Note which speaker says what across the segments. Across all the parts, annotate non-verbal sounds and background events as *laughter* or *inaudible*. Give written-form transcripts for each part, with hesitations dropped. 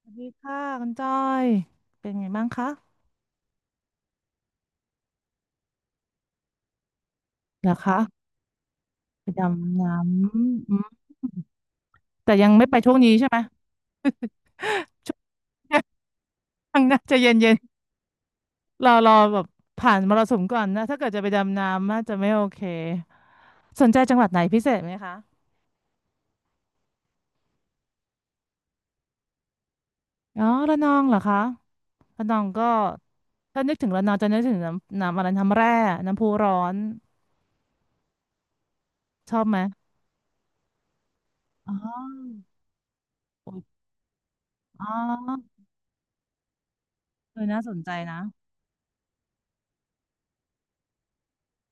Speaker 1: สวัสดีค่ะคุณจอยเป็นไงบ้างคะเหรอคะไปดำน้ำอืมแต่ยังไม่ไปช่วงนี้ใช่ไหมข้างหน้าจะเย็นๆรอแบบผ่านมรสุมก่อนนะถ้าเกิดจะไปดำน้ำน่าจะไม่โอเคสนใจจังหวัดไหนพิเศษไหมคะอ๋อระนองเหรอคะระนองก็ถ้านึกถึงระนองจะนึกถึงน้ำอะไรน้ำแร่น้ำพุร้อนชอบไหมอ๋อโอ้ยอ๋อเออน่าสนใจนะ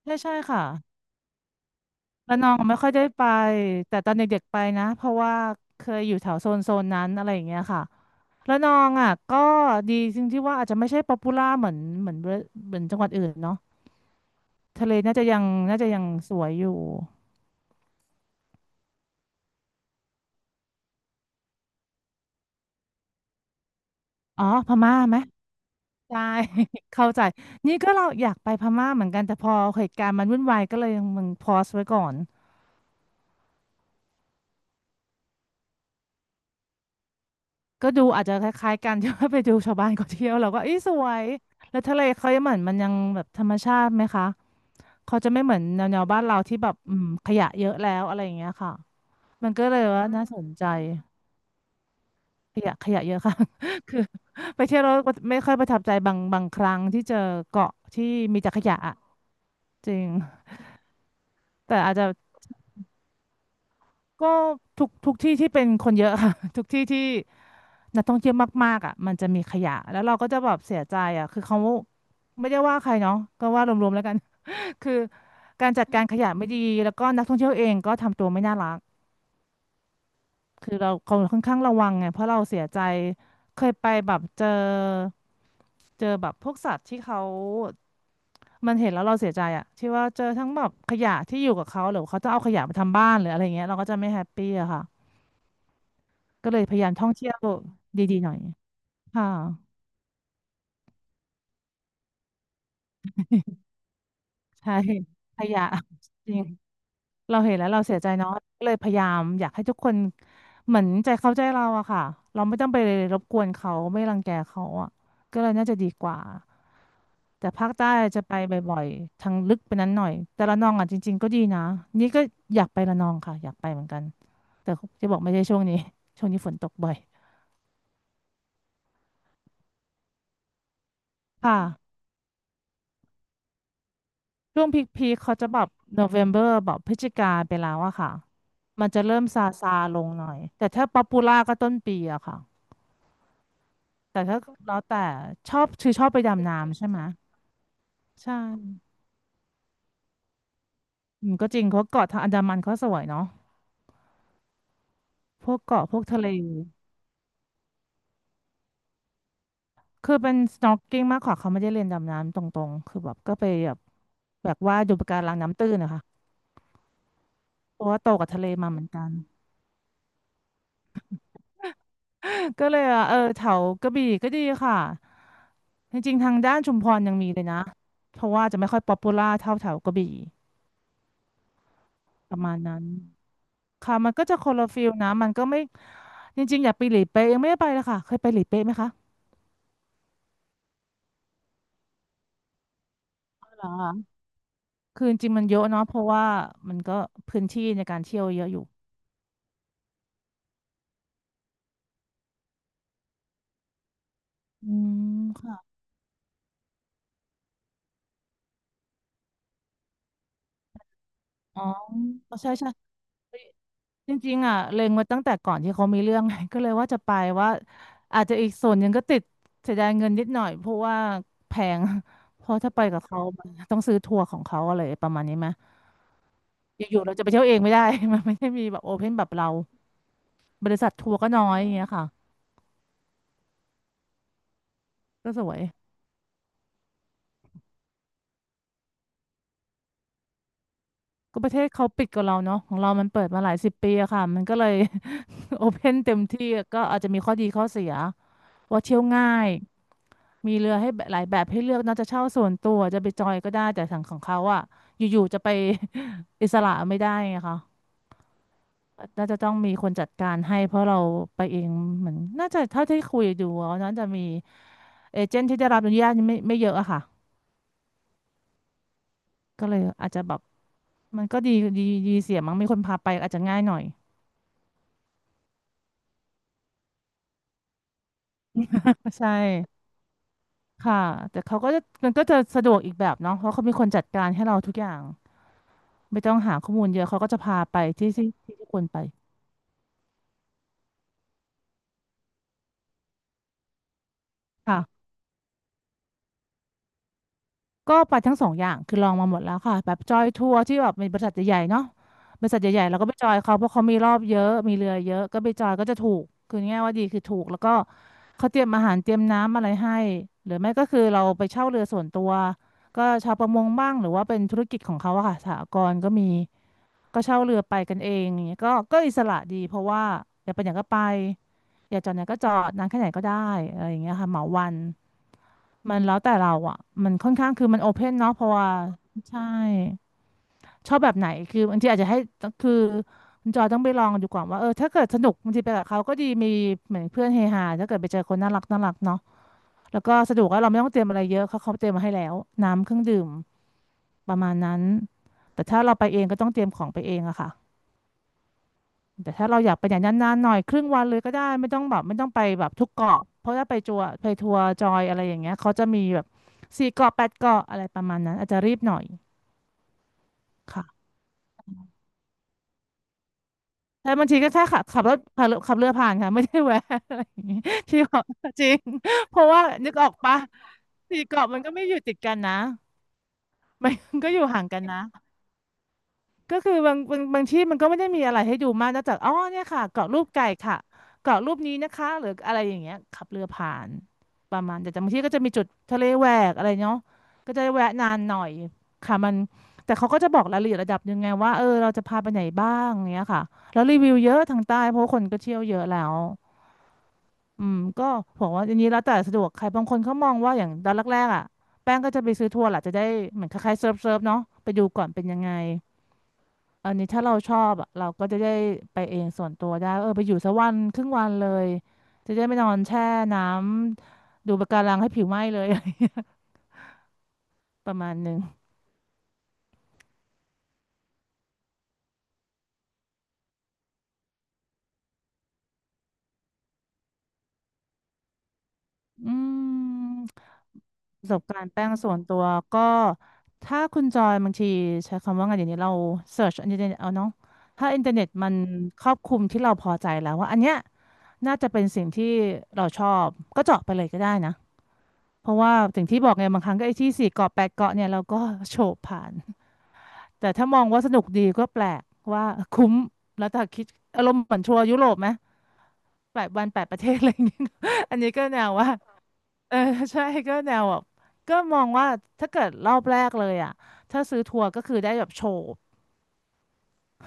Speaker 1: ใช่ใช่ค่ะ ระนองไม่ค่อยได้ไปแต่ตอนเด็กๆไปนะเพราะว่าเคยอยู่แถวโซนนั้นอะไรอย่างเงี้ยค่ะระนองอ่ะก็ดีจริงที่ว่าอาจจะไม่ใช่ป๊อปปูล่าเหมือนจังหวัดอื่นเนาะทะเลน่าจะยังน่าจะยังสวยอยู่อ๋อพม่าไหมใช่ *laughs* เข้าใจนี่ก็เราอยากไปพม่าเหมือนกันแต่พอเหตุการณ์มันวุ่นวายก็เลยมึงพอสไว้ก่อนก็ดูอาจจะคล้ายๆกัน *laughs* ที่ว่าไปดูชาวบ้านเขาเที่ยวเราก็เอ้ยสวยแล้วทะเลเขายังเหมือนมันยังแบบธรรมชาติไหมคะ เขาจะไม่เหมือนแนวบ้านเราที่แบบขยะเยอะแล้วอะไรอย่างเงี้ยค่ะมันก็เลยว่าน่าสนใจขยะเยอะค่ะ *laughs* คือไปเที่ยวแล้วก็ไม่ค่อยประทับใจบางครั้งที่เจอเกาะที่มีแต่ขยะอะจริงแต่อาจจะก็ทุกที่ที่เป็นคนเยอะค่ะ *laughs* ทุกที่ที่นักท่องเที่ยวมากๆอ่ะมันจะมีขยะแล้วเราก็จะแบบเสียใจอ่ะคือเขาไม่ได้ว่าใครเนาะก็ว่ารวมๆแล้วกัน *laughs* คือการจัดการขยะไม่ดีแล้วก็นักท่องเที่ยวเองก็ทำตัวไม่น่ารัก คือเราเขาค่อนข้างระวังไงเพราะเราเสียใจเคยไปแบบเจอเจอแบบพวกสัตว์ที่เขามันเห็นแล้วเราเสียใจอะที่ว่าเจอทั้งแบบขยะที่อยู่กับเขาหรือเขาจะเอาขยะมาทำบ้านหรืออะไรเงี้ยเราก็จะไม่แฮปปี้อะค่ะก็เลยพยายามท่องเที่ยวดีๆหน่อยค่ะใช่ขยะจริงเราเห็นแล้วเราเสียใจเนาะก็เลยพยายามอยากให้ทุกคนเหมือนใจเข้าใจเราอะค่ะเราไม่ต้องไปรบกวนเขาไม่รังแกเขาอะก็เลยน่าจะดีกว่า แต่ภาคใต้จะไปบ่อยๆทางลึกไปนั้นหน่อยแต่ระนองอ่ะจริงๆก็ดีนะนี่ก็อยากไประนองค่ะอยากไปเหมือนกันแต่จะบอกไม่ใช่ช่วงนี้ *laughs* ช่วงนี้ฝนตกบ่อยค่ะช่วงพีคๆเขาจะแบบโนเวมเบอร์แบบพฤศจิกาไปแล้วอะค่ะมันจะเริ่มซาลงหน่อยแต่ถ้าป๊อปปูล่าก็ต้นปีอะค่ะแต่ถ้าแล้วแต่ชอบคือชอบไปดำน้ำใช่ไหมใช่ก็จริงเพราะเกาะทางอันดามันเขาสวยเนาะพวกเกาะพวกทะเล คือเป็น snorkeling มากกว่าเขาไม่ได้เรียนดำน้ำตรงๆ คือแบบก็ไปแบบแบบว่าดูปะการังน้ำตื้นนะคะเพราะว่าโตกับทะเลมาเหมือนกันก็เลยอ่ะเออแถวกระบี่ก็ดีค่ะจริงๆทางด้านชุมพรยังมีเลยนะเพราะว่าจะไม่ค่อยป๊อปปูล่าเท่าแถวกระบี่ประมาณนั้นค่ะมันก็จะคนละฟิลนะมันก็ไม่จริงๆอยากไปหลีเป๊ะยังไม่ได้ไปเลยค่ะเคยไปหลีเป๊ะไหมคะเหรอคือจริงๆมันเยอะเนาะเพราะว่ามันก็พื้นที่ในการเที่ยวเยอะอยู่อืมค่ะอ๋ออ๋อใช่ใช่ จริงๆอ่ะเล็งไว้ตั้งแต่ก่อนที่เขามีเรื่องไง *laughs* ก็เลยว่าจะไปว่าอาจจะอีกส่วนหนึ่งก็ติดเสียดายเงินนิดหน่อยเพราะว่าแพง *laughs* เพราะถ้าไปกับเขามันต้องซื้อทัวร์ของเขาอะไรประมาณนี้ไหมอยู่ๆเราจะไปเที่ยวเองไม่ได้ *laughs* มันไม่ได้มีแบบโอเพนแบบเราบริษัททัวร์ก็น้อยอย่างเงี้ยค่ะก็สวยก็ประเทศเขาปิดกับเราเนาะของเรามันเปิดมาหลายสิบปีอะค่ะมันก็เลย *laughs* โอเพนเต็มที่ก็อาจจะมีข้อดีข้อเสียว่าเที่ยวง่าย มีเรือให้แบบหลายแบบให้เลือกเนอกจะเช่าส่วนตัวจะไปจอยก็ได้แต่ทางของเขาอะอยู่ๆจะไป *laughs* อิสระไม่ได้ไงคะน่าจะต้องมีคนจัดการให้เพราะเราไปเองเหมือนน่าจะเท่าที่คุยดูอะน่าจะมีเอเจนต์ที่ได้รับอนุญาตไม่เยอะอะค่ะก็เลยอาจจะแบบมันก็ดีดีดีเสียมั้งมีคนพาไปอาจจะง่ายหน่อยใช่ค่ะแต่เขาก็จะมันก็จะสะดวกอีกแบบเนาะเพราะเขามีคนจัดการให้เราทุกอย่างไม่ต้องหาข้อมูลเยอะเขาก็จะพาไปที่ที่ควรไปค่ะ ก็ไปทั้งสองอย่างคือลองมาหมดแล้วค่ะแบบจอยทัวร์ที่แบบมีบริษัทใหญ่ๆเนาะบริษัทใหญ่ๆเราก็ไปจอยเขาเพราะเขามีรอบเยอะมีเรือเยอะก็ไปจอยก็จะถูกคือง่ายว่าดีคือถูกแล้วก็เขาเตรียมอาหารเตรียมน้ำอะไรให้หรือไม่ก็คือเราไปเช่าเรือส่วนตัวก็ชาวประมงบ้างหรือว่าเป็นธุรกิจของเขาอะค่ะสหกรณ์ก็มีเช่าเรือไปกันเองอย่างเงี้ยก็อิสระดีเพราะว่าอยากไปไหนก็ไปอยากจอดไหนก็จอดนานแค่ไหนก็ได้อะไรอย่างเงี้ยค่ะเหมาวัน มันแล้วแต่เราอ่ะมันค่อนข้างคือมันโอเพ่นเนาะเพราะว่าใช่ชอบแบบไหนคือบางทีอาจจะให้คือคุณจอยต้องไปลองดูก่อนว่าเออถ้าเกิดสนุกบางทีไปกับเขาก็ดีมีเหมือนเพื่อนเฮฮาถ้าเกิดไปเจอคนน่ารักน่ารักเนาะแล้วก็สะดวกแล้วเราไม่ต้องเตรียมอะไรเยอะเขาเตรียมมาให้แล้วน้ำเครื่องดื่มประมาณนั้นแต่ถ้าเราไปเองก็ต้องเตรียมของไปเองอะค่ะ แต่ถ้าเราอยากไปอย่างนานๆหน่อยครึ่งวันเลยก็ได้ไม่ต้องแบบไม่ต้องไปแบบทุกเกาะเพราะถ้าไปทัวร์จอยอะไรอย่างเงี้ยเขาจะมีแบบสี่เกาะแปดเกาะอะไรประมาณนั้นอาจจะรีบหน่อยค่ะแต่บางทีก็แค่ขับขับรถขับขับเรือผ่านค่ะไม่ได้แวะอะไรอย่างงี้ *laughs* ที่เกาะจริงเพราะว่านึกออกปะสี่เกาะมันก็ไม่อยู่ติดกันนะ *laughs* มันก็อยู่ห่างกันนะ ก็คือบางที่มันก็ไม่ได้มีอะไรให้ดูมากนอกจากอ๋อเนี่ยค่ะเกาะรูปไก่ค่ะเกาะรูปนี้นะคะหรืออะไรอย่างเงี้ยขับเรือผ่านประมาณแต่บางที่ก็จะมีจุดทะเลแหวกอะไรเนาะก็จะแวะนานหน่อยค่ะมันแต่เขาก็จะบอกรายละเอียดระดับยังไงว่าเออเราจะพาไปไหนบ้างเงี้ยค่ะแล้วรีวิวเยอะทางใต้เพราะว่าคนก็เที่ยวเยอะแล้วอืมก็บอกว่าอันนี้แล้วแต่สะดวกใครบางคนเขามองว่าอย่างตอนแรกๆอ่ะแป้งก็จะไปซื้อทัวร์แหละจะได้เหมือนคล้ายๆเซิร์ฟเนาะไปดูก่อนเป็นยังไง อันนี้ถ้าเราชอบอะเราก็จะได้ไปเองส่วนตัวได้เออไปอยู่สักวันครึ่งวันเลยจะได้ไม่นอนแช่น้ำดูปะการังให้ผิวไหม้เลย *laughs* ประมาณหนึ่งอืมประสบการณ์แป้งส่วนตัวก็ถ้าคุณจอยบางทีใช้คำว่าไงเดี๋ยวนี้เราเสิร์ชอินเทอร์เน็ตเอาเนาะถ้าอินเทอร์เน็ตมันครอบคลุมที่เราพอใจแล้วว่าอันเนี้ยน่าจะเป็นสิ่งที่เราชอบก็เจาะไปเลยก็ได้นะเพราะว่าสิ่งที่บอกไงบางครั้งก็ไอ้ที่สี่เกาะแปดเกาะเนี่ยเราก็โฉบผ่าน แต่ถ้ามองว่าสนุกดีก็แปลกว่าคุ้มแล้วถ้าคิดอารมณ์เหมือนทัวร์ยุโรปไหมแปดวันแปดประเทศอะไรอย่างเงี้ย *laughs* อันนี้ก็แนวว่าเออใช่ก็แนวแบบก็มองว่าถ้าเกิดรอบแรกเลยอ่ะถ้าซื้อทัวร์ก็คือได้แบบโชว์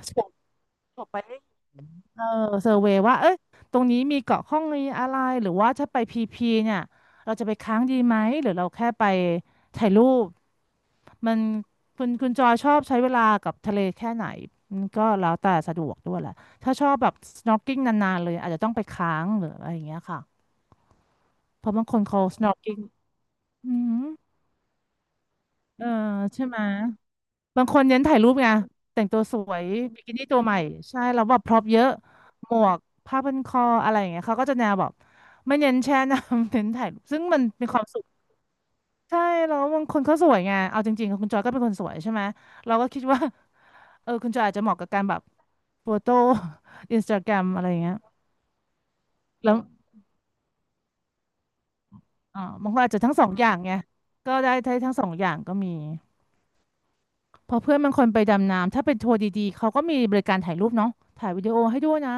Speaker 1: โชว์ เออเซอร์เวย์ว่าเอ้ยตรงนี้มีเกาะข้องมีอะไร หรือว่าถ้าไปพีพีเนี่ย เราจะไปค้างดีไหม หรือเราแค่ไปถ่ายรูป มันคุณจอยชอบใช้เวลากับทะเลแค่ไหน มันก็แล้วแต่สะดวกด้วยแหละถ้าชอบแบบ snorkeling นานๆเลยอาจจะต้องไปค้างหรืออะไรอย่างเงี้ยค่ะเพราะบางคนเขา snorkeling อืมเออใช่ไหม บางคนเน้นถ่ายรูปไงแต่งตัวสวยบิกินี่ตัวใหม่ใช่แล้วแบบพร็อพเยอะหมวกผ้าพันคออะไรอย่างเงี้ยเขาก็จะแนวแบบไม่เน้นแช่น้ำ *laughs* เน้นถ่ายรูปซึ่งมันมีความสุขใช่แล้วบางคนเขาสวยไงเอาจริงๆคุณจอยก็เป็นคนสวยใช่ไหมเราก็คิดว่าเออคุณจอยอาจจะเหมาะกับการแบบโฟโต้ *laughs* อินสตาแกรมอะไรอย่างเงี้ยแล้วอ่าบางคนอาจจะทั้งสองอย่างไงก็ได้ได้ทั้งสองอย่างก็มีพอเพื่อนบางคนไปดำน้ำถ้าเป็นทัวร์ดีๆเขาก็มีบริการถ่ายรูปเนาะถ่ายวิดีโอให้ด้วยนะ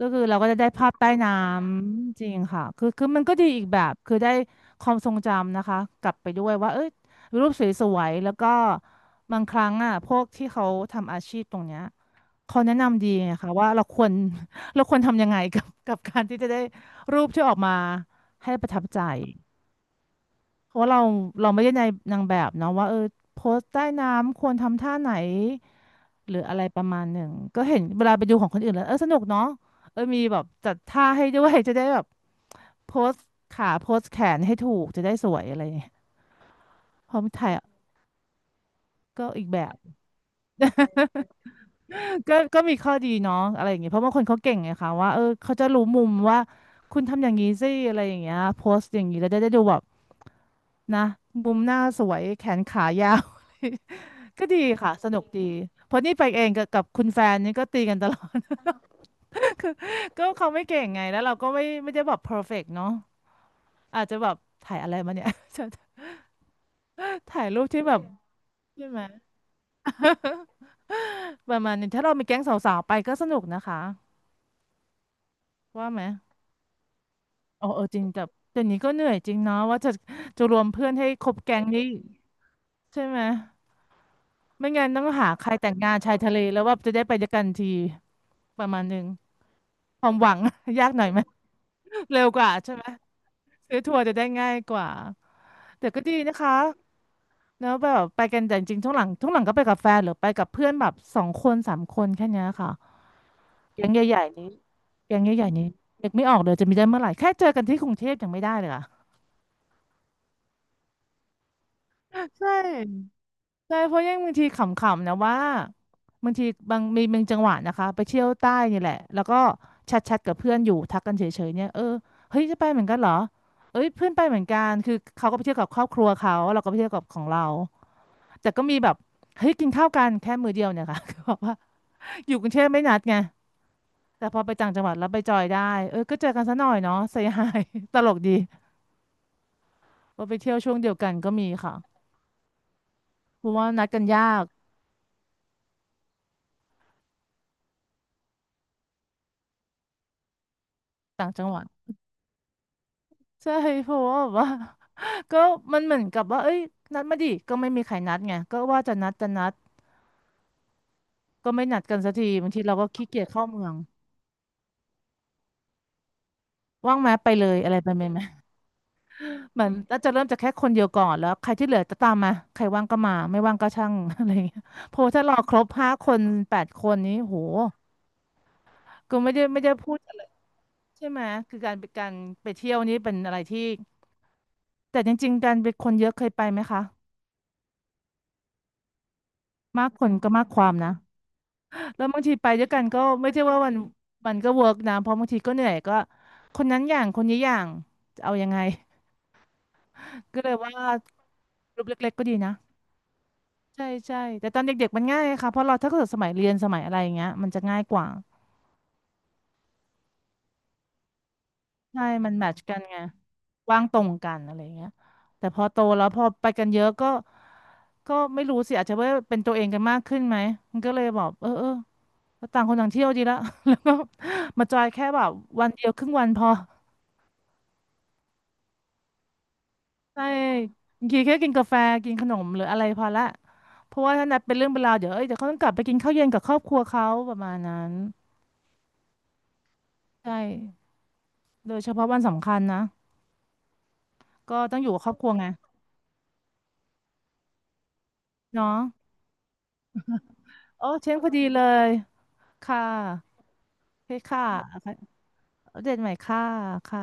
Speaker 1: ก็คือเราก็จะได้ภาพใต้น้ำจริงค่ะคือมันก็ดีอีกแบบคือได้ความทรงจำนะคะกลับไปด้วยว่าเอ้ยรูปสวยๆแล้วก็บางครั้งอ่ะพวกที่เขาทำอาชีพตรงเนี้ยเขาแนะนำดีไงคะว่าเราควร *laughs* เราควรทำยังไงกับการที่จะได้รูปที่ออกมาให้ประทับใจ เพราะว่าเราไม่ได้ในนางแบบเนาะว่าเออโพสต์ใต้น้ำควรทำท่าไหนหรืออะไรประมาณหนึ่งก็เห็นเวลาไปดูของคนอื่นแล้วเออสนุกเนาะเออมีแบบจัดท่าให้ด้วย *laughs* จะได้แบบโพสต์ขาโพสต์แขนให้ถูกจะได้สวยอะไรอย่างเงี้ยพอถ่ายก็อีกแบบ *laughs* ก็มีข้อดีเนาะอะไรอย่างเงี้ยเพราะบางคนเขาเก่งไงคะว่าเออเขาจะรู้มุมว่าคุณทำอย่างนี้สิอะไรอย่างเงี้ยโพสต์อย่างนี้แล้วจะได้ดูแบบนะมุมหน้าสวยแขนขายาว *laughs* ก็ดีค่ะสนุกดีเพราะนี่ไปเองกับคุณแฟนนี่ก็ตีกันตลอด *laughs* ก็เขาไม่เก่งไงแล้วเราก็ไม่ได้แบบ perfect เนาะอาจจะแบบถ่ายอะไรมาเนี่ย *laughs* ถ่ายรูปที่แบบใช่ไหม *laughs* ประมาณนี้ถ้าเรามีแก๊งสาวๆไปก็สนุกนะคะว่าไหม เออเออจริงแต่เดี๋ยวนี้ก็เหนื่อยจริงเนาะว่าจะจะรวมเพื่อนให้ครบแก๊งนี้ใช่ไหมไม่งั้นต้องหาใครแต่งงานชายทะเล แล้วว่าจะได้ไปด้วยกันทีประมาณหนึ่งความหวัง *laughs* ยากหน่อยไหมเร็วกว่าใช่ไหมซื้อทัวร์จะได้ง่ายกว่า แต่ก็ดีนะคะแล้วแบบไปกันแต่จริงๆช่วงหลังก็ไปกับแฟนหรือไปกับเพื่อนแบบสองคนสามคนแค่เนี้ยค่ะแก๊งใหญ่ๆนี้แก๊งใหญ่ๆนี้นึกไม่ออกเลยจะมีได้เมื่อไหร่แค่เจอกันที่กรุงเทพยังไม่ได้เลยอะ *laughs* ใช่ ใช่เพราะยังบางทีขำๆนะว่าบางทีบางมีบางจังหวะนะคะไปเที่ยวใต้นี่แหละแล้วก็แชทๆกับเพื่อนอยู่ทักกันเฉยๆเนี่ยเออเฮ้ยจะไปเหมือนกันเหรอเอ้ยเพื่อนไปเหมือนกันคือเขาก็ไปเที่ยวกับครอบครัวเขาเราก็ไปเที่ยวกับของเราแต่ก็มีแบบเฮ้ยกินข้าวกันแค่มื้อเดียวเนี่ยค่ะ *laughs* ก็บอกว่าอยู่กรุงเทพไม่นัดไงแต่พอไปต่างจังหวัดแล้วไปจอยได้เออก็เจอกันซะหน่อยเนาะเซฮาย *laughs* ตลกดีว่าไปเที่ยวช่วงเดียวกันก็มีค่ะเพราะว่านัดกันยากต่างจังหวัด ใช่เพราะว่าแบบว่า *laughs* ก็มันเหมือนกับว่าเอ้ยนัดมาดิก็ไม่มีใครนัดไงก็ว่าจะนัดก็ไม่นัดกันสักทีบางทีเราก็ขี้เกียจเข้าเมืองว่างไหมไปเลยอะไรไปไหมเหมือนน่าจะเริ่มจากแค่คนเดียวก่อนแล้วใครที่เหลือจะตามมาใครว่างก็มาไม่ว่างก็ช่าง *laughs* อะไรอย่างเงี้ยเพราะถ้าเราครบห้าคนแปดคนนี้โหก็ไม่ได้พูดอะไรใช่ไหมคือการไปการไปเที่ยวนี้เป็นอะไรที่แต่จริงๆการไปคนเยอะเคยไปไหมคะมากคนก็มากความนะ แล้วบางทีไปด้วยกันก็ไม่ใช่ว่ามันมันก็เวิร์กนะเพราะบางทีก็เหนื่อยก็คนนั้นอย่างคนนี้อย่างจะเอายังไง *laughs* ก็เลยว่ากลุ่มเล็กๆก็ดีนะใช่ใช่แต่ตอนเด็กๆมันง่ายค่ะเพราะเราถ้าเกิดสมัยเรียนสมัยอะไรอย่างเงี้ยมันจะง่ายกว่าใช่มันแมทช์กันไงว่างตรงกันอะไรอย่างเงี้ยแต่พอโตแล้วพอไปกันเยอะก็ก็ไม่รู้สิอาจจะว่าเป็นตัวเองกันมากขึ้นไหมมันก็เลยบอกเออเออต่างคนต่างเที่ยวดีละ *laughs* แล้วก็ *laughs* มาจอยแค่แบบวันเดียวครึ่งวันพอ ใช่บางทีแค่กินกาแฟกินขนมหรืออะไรพอละเพราะว่าถ้านัดเป็นเรื่องเป็นราวเดี๋ยวเอ้ยเดี๋ยวเขาต้องกลับไปกินข้าวเย็นกับครอบครัวเขาประมาณนั้นใช่โดยเฉพาะวันสำคัญนะก็ต้องอยู่กับครอบครัวไงเนาะโอ้เช้งพอดีเลยค่ะโอเฮ้ยค่ะเอาเดดใหม่ค่ะค่ะ